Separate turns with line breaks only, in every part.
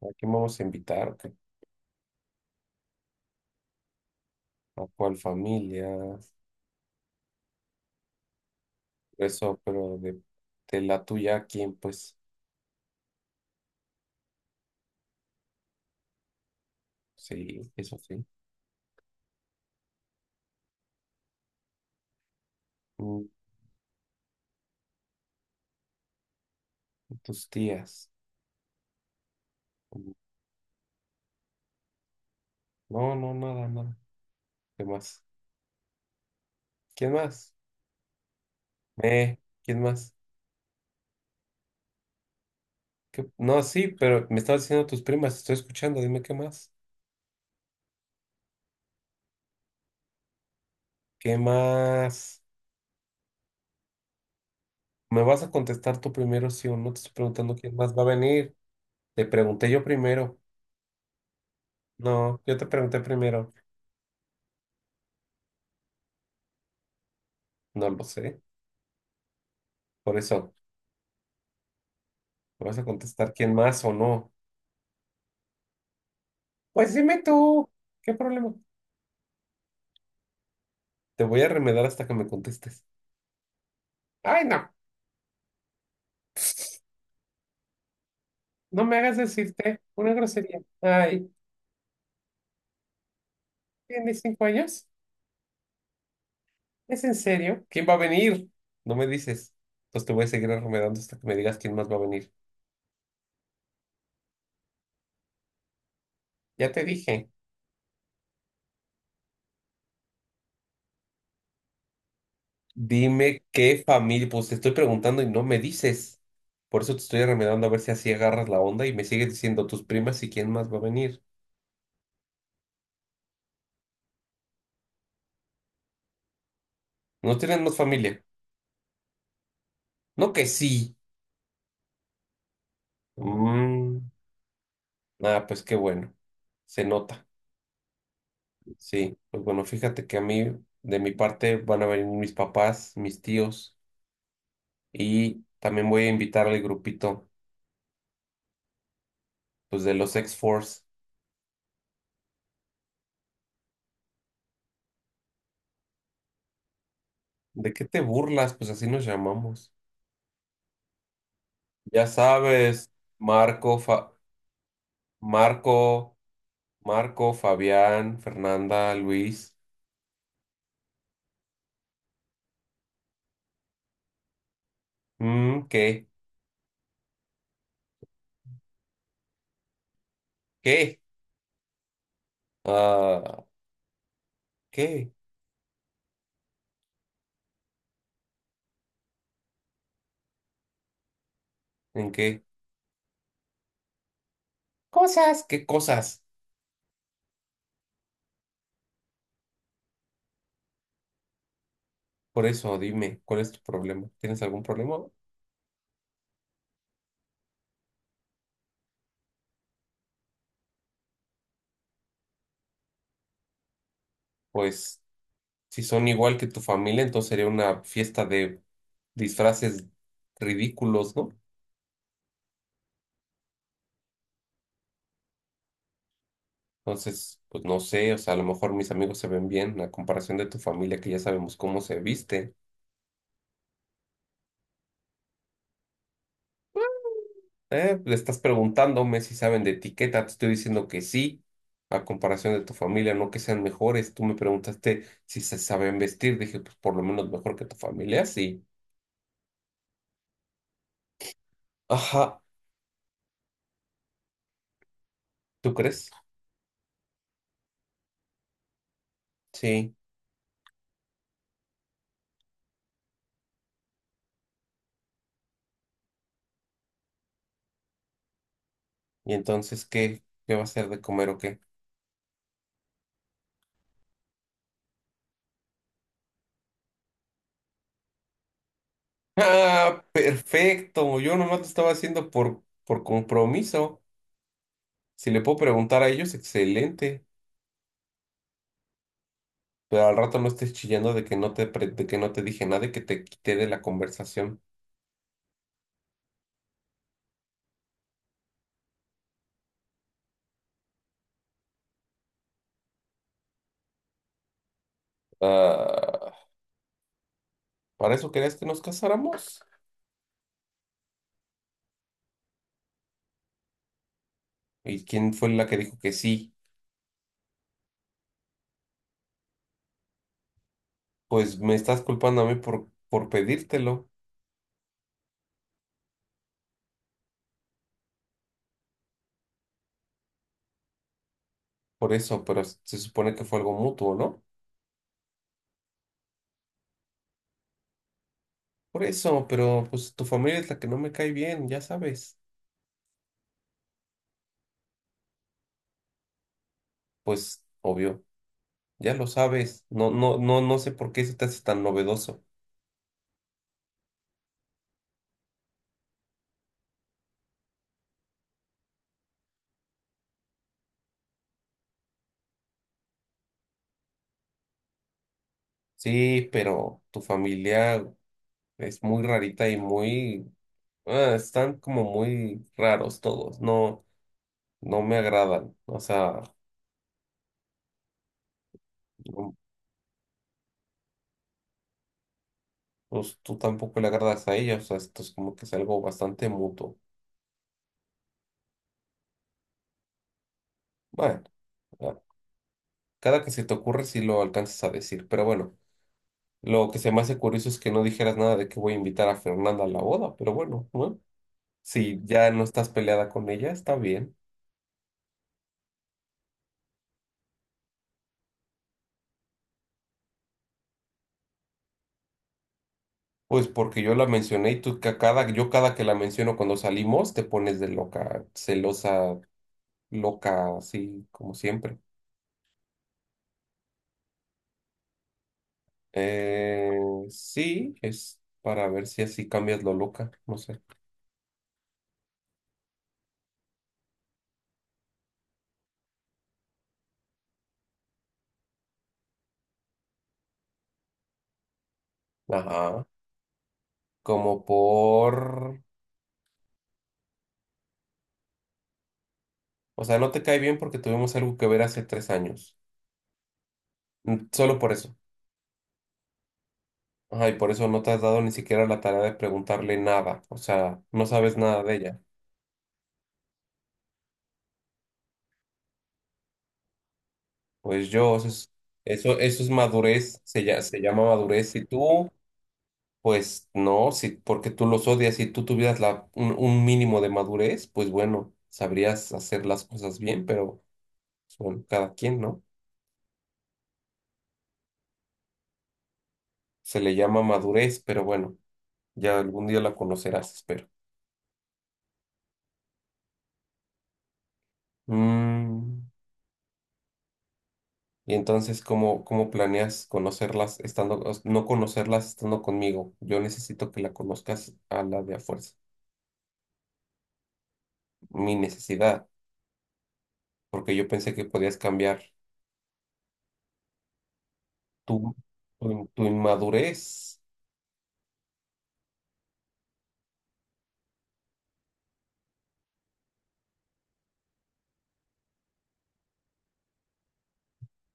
¿A quién vamos a invitar? ¿A cuál familia? Eso, pero de la tuya, ¿a quién? Pues sí, eso sí. Mm. Tus tías. Mm. No, no, nada, nada. ¿Qué más? ¿Quién más? Eh, ¿Quién más? No, sí, pero me estabas diciendo tus primas, estoy escuchando, dime qué más. ¿Qué más? ¿Me vas a contestar tú primero, sí o no? Te estoy preguntando quién más va a venir. Te pregunté yo primero. No, yo te pregunté primero. No lo sé. Por eso. ¿Me vas a contestar quién más o no? Pues dime tú, ¿qué problema? Te voy a remedar hasta que me contestes. Ay, no, no me hagas decirte una grosería. Ay, ¿tienes 5 años? ¿Es en serio? ¿Quién va a venir? No me dices. Entonces te voy a seguir remedando hasta que me digas quién más va a venir. Ya te dije. Dime qué familia, pues te estoy preguntando y no me dices. Por eso te estoy remedando a ver si así agarras la onda y me sigues diciendo tus primas y quién más va a venir. ¿No tienes más familia? No que sí. Mm. Ah, pues qué bueno, se nota, sí. Pues bueno, fíjate que a mí, de mi parte, van a venir mis papás, mis tíos, y también voy a invitar al grupito, pues de los X-Force. ¿De qué te burlas? Pues así nos llamamos. Ya sabes, Marco, Fa- Marco, Marco, Fabián, Fernanda, Luis. Mm, ¿qué? ¿Qué? Ah, ¿qué? ¿En qué? Cosas, ¿qué cosas? Por eso, dime, ¿cuál es tu problema? ¿Tienes algún problema? Pues si son igual que tu familia, entonces sería una fiesta de disfraces ridículos, ¿no? Entonces, pues no sé, o sea, a lo mejor mis amigos se ven bien a comparación de tu familia, que ya sabemos cómo se viste. Le estás preguntándome si saben de etiqueta, te estoy diciendo que sí, a comparación de tu familia, no que sean mejores. Tú me preguntaste si se saben vestir, dije, pues por lo menos mejor que tu familia, sí. Ajá, ¿tú crees? Sí. ¿Y entonces qué? ¿Qué va a ser de comer o qué? Ah, perfecto. Yo nomás lo estaba haciendo por compromiso. Si le puedo preguntar a ellos, excelente. Pero al rato no estés chillando de que no te dije nada y que te quité de la conversación. Ah, ¿para eso querías que nos casáramos? ¿Y quién fue la que dijo que sí? Pues me estás culpando a mí por pedírtelo. Por eso, pero se supone que fue algo mutuo, ¿no? Por eso, pero pues tu familia es la que no me cae bien, ya sabes. Pues obvio. Ya lo sabes, no, no, no, no sé por qué eso te hace tan novedoso. Sí, pero tu familia es muy rarita y muy, ah, están como muy raros todos, no, no me agradan. O sea, no- pues tú tampoco le agradas a ella, o sea, esto es como que es algo bastante mutuo. Bueno, ah, cada que se te ocurre si lo alcanzas a decir, pero bueno, lo que se me hace curioso es que no dijeras nada de que voy a invitar a Fernanda a la boda, pero bueno, ¿no? Si ya no estás peleada con ella, está bien. Pues porque yo la mencioné y tú yo cada que la menciono cuando salimos te pones de loca, celosa, loca, así como siempre. Eh, sí, es para ver si así cambias lo loca, no sé. Ajá, como por... O sea, no te cae bien porque tuvimos algo que ver hace 3 años. Mm. Solo por eso. Ajá, y por eso no te has dado ni siquiera la tarea de preguntarle nada. O sea, no sabes nada de ella. Pues yo, eso es... Eso es madurez, se llama madurez. Y tú, pues no, si, porque tú los odias, si tú tuvieras un mínimo de madurez, pues bueno, sabrías hacer las cosas bien, pero pues, bueno, cada quien, ¿no? Se le llama madurez, pero bueno, ya algún día la conocerás, espero. Mm, y entonces, ¿cómo planeas conocerlas estando, no conocerlas estando conmigo? Yo necesito que la conozcas a la de a fuerza. Mi necesidad, porque yo pensé que podías cambiar tu, tu inmadurez.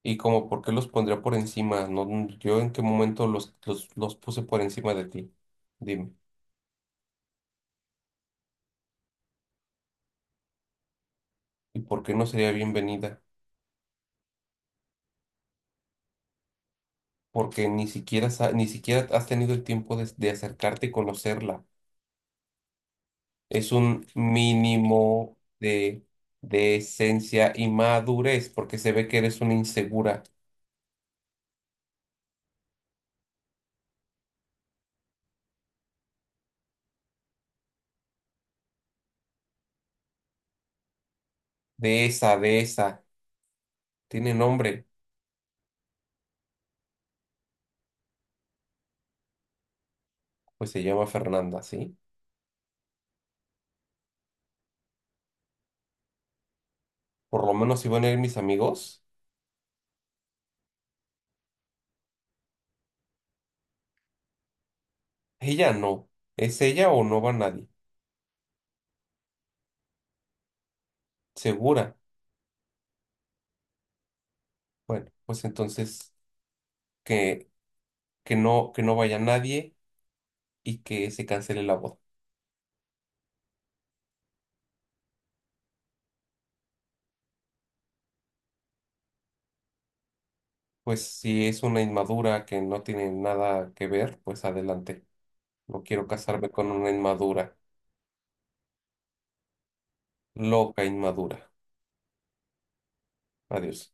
Y como, ¿por qué los pondría por encima? No, yo en qué momento los puse por encima de ti. Dime. ¿Y por qué no sería bienvenida? Porque ni siquiera, ni siquiera has tenido el tiempo de acercarte y conocerla. Es un mínimo de esencia y madurez, porque se ve que eres una insegura. De esa, de esa. ¿Tiene nombre? Pues se llama Fernanda, ¿sí? Por lo menos si van a ir mis amigos. Ella no. ¿Es ella o no va nadie? Segura. Bueno, pues entonces que, que no vaya nadie y que se cancele la boda. Pues si es una inmadura que no tiene nada que ver, pues adelante. No quiero casarme con una inmadura, loca inmadura. Adiós.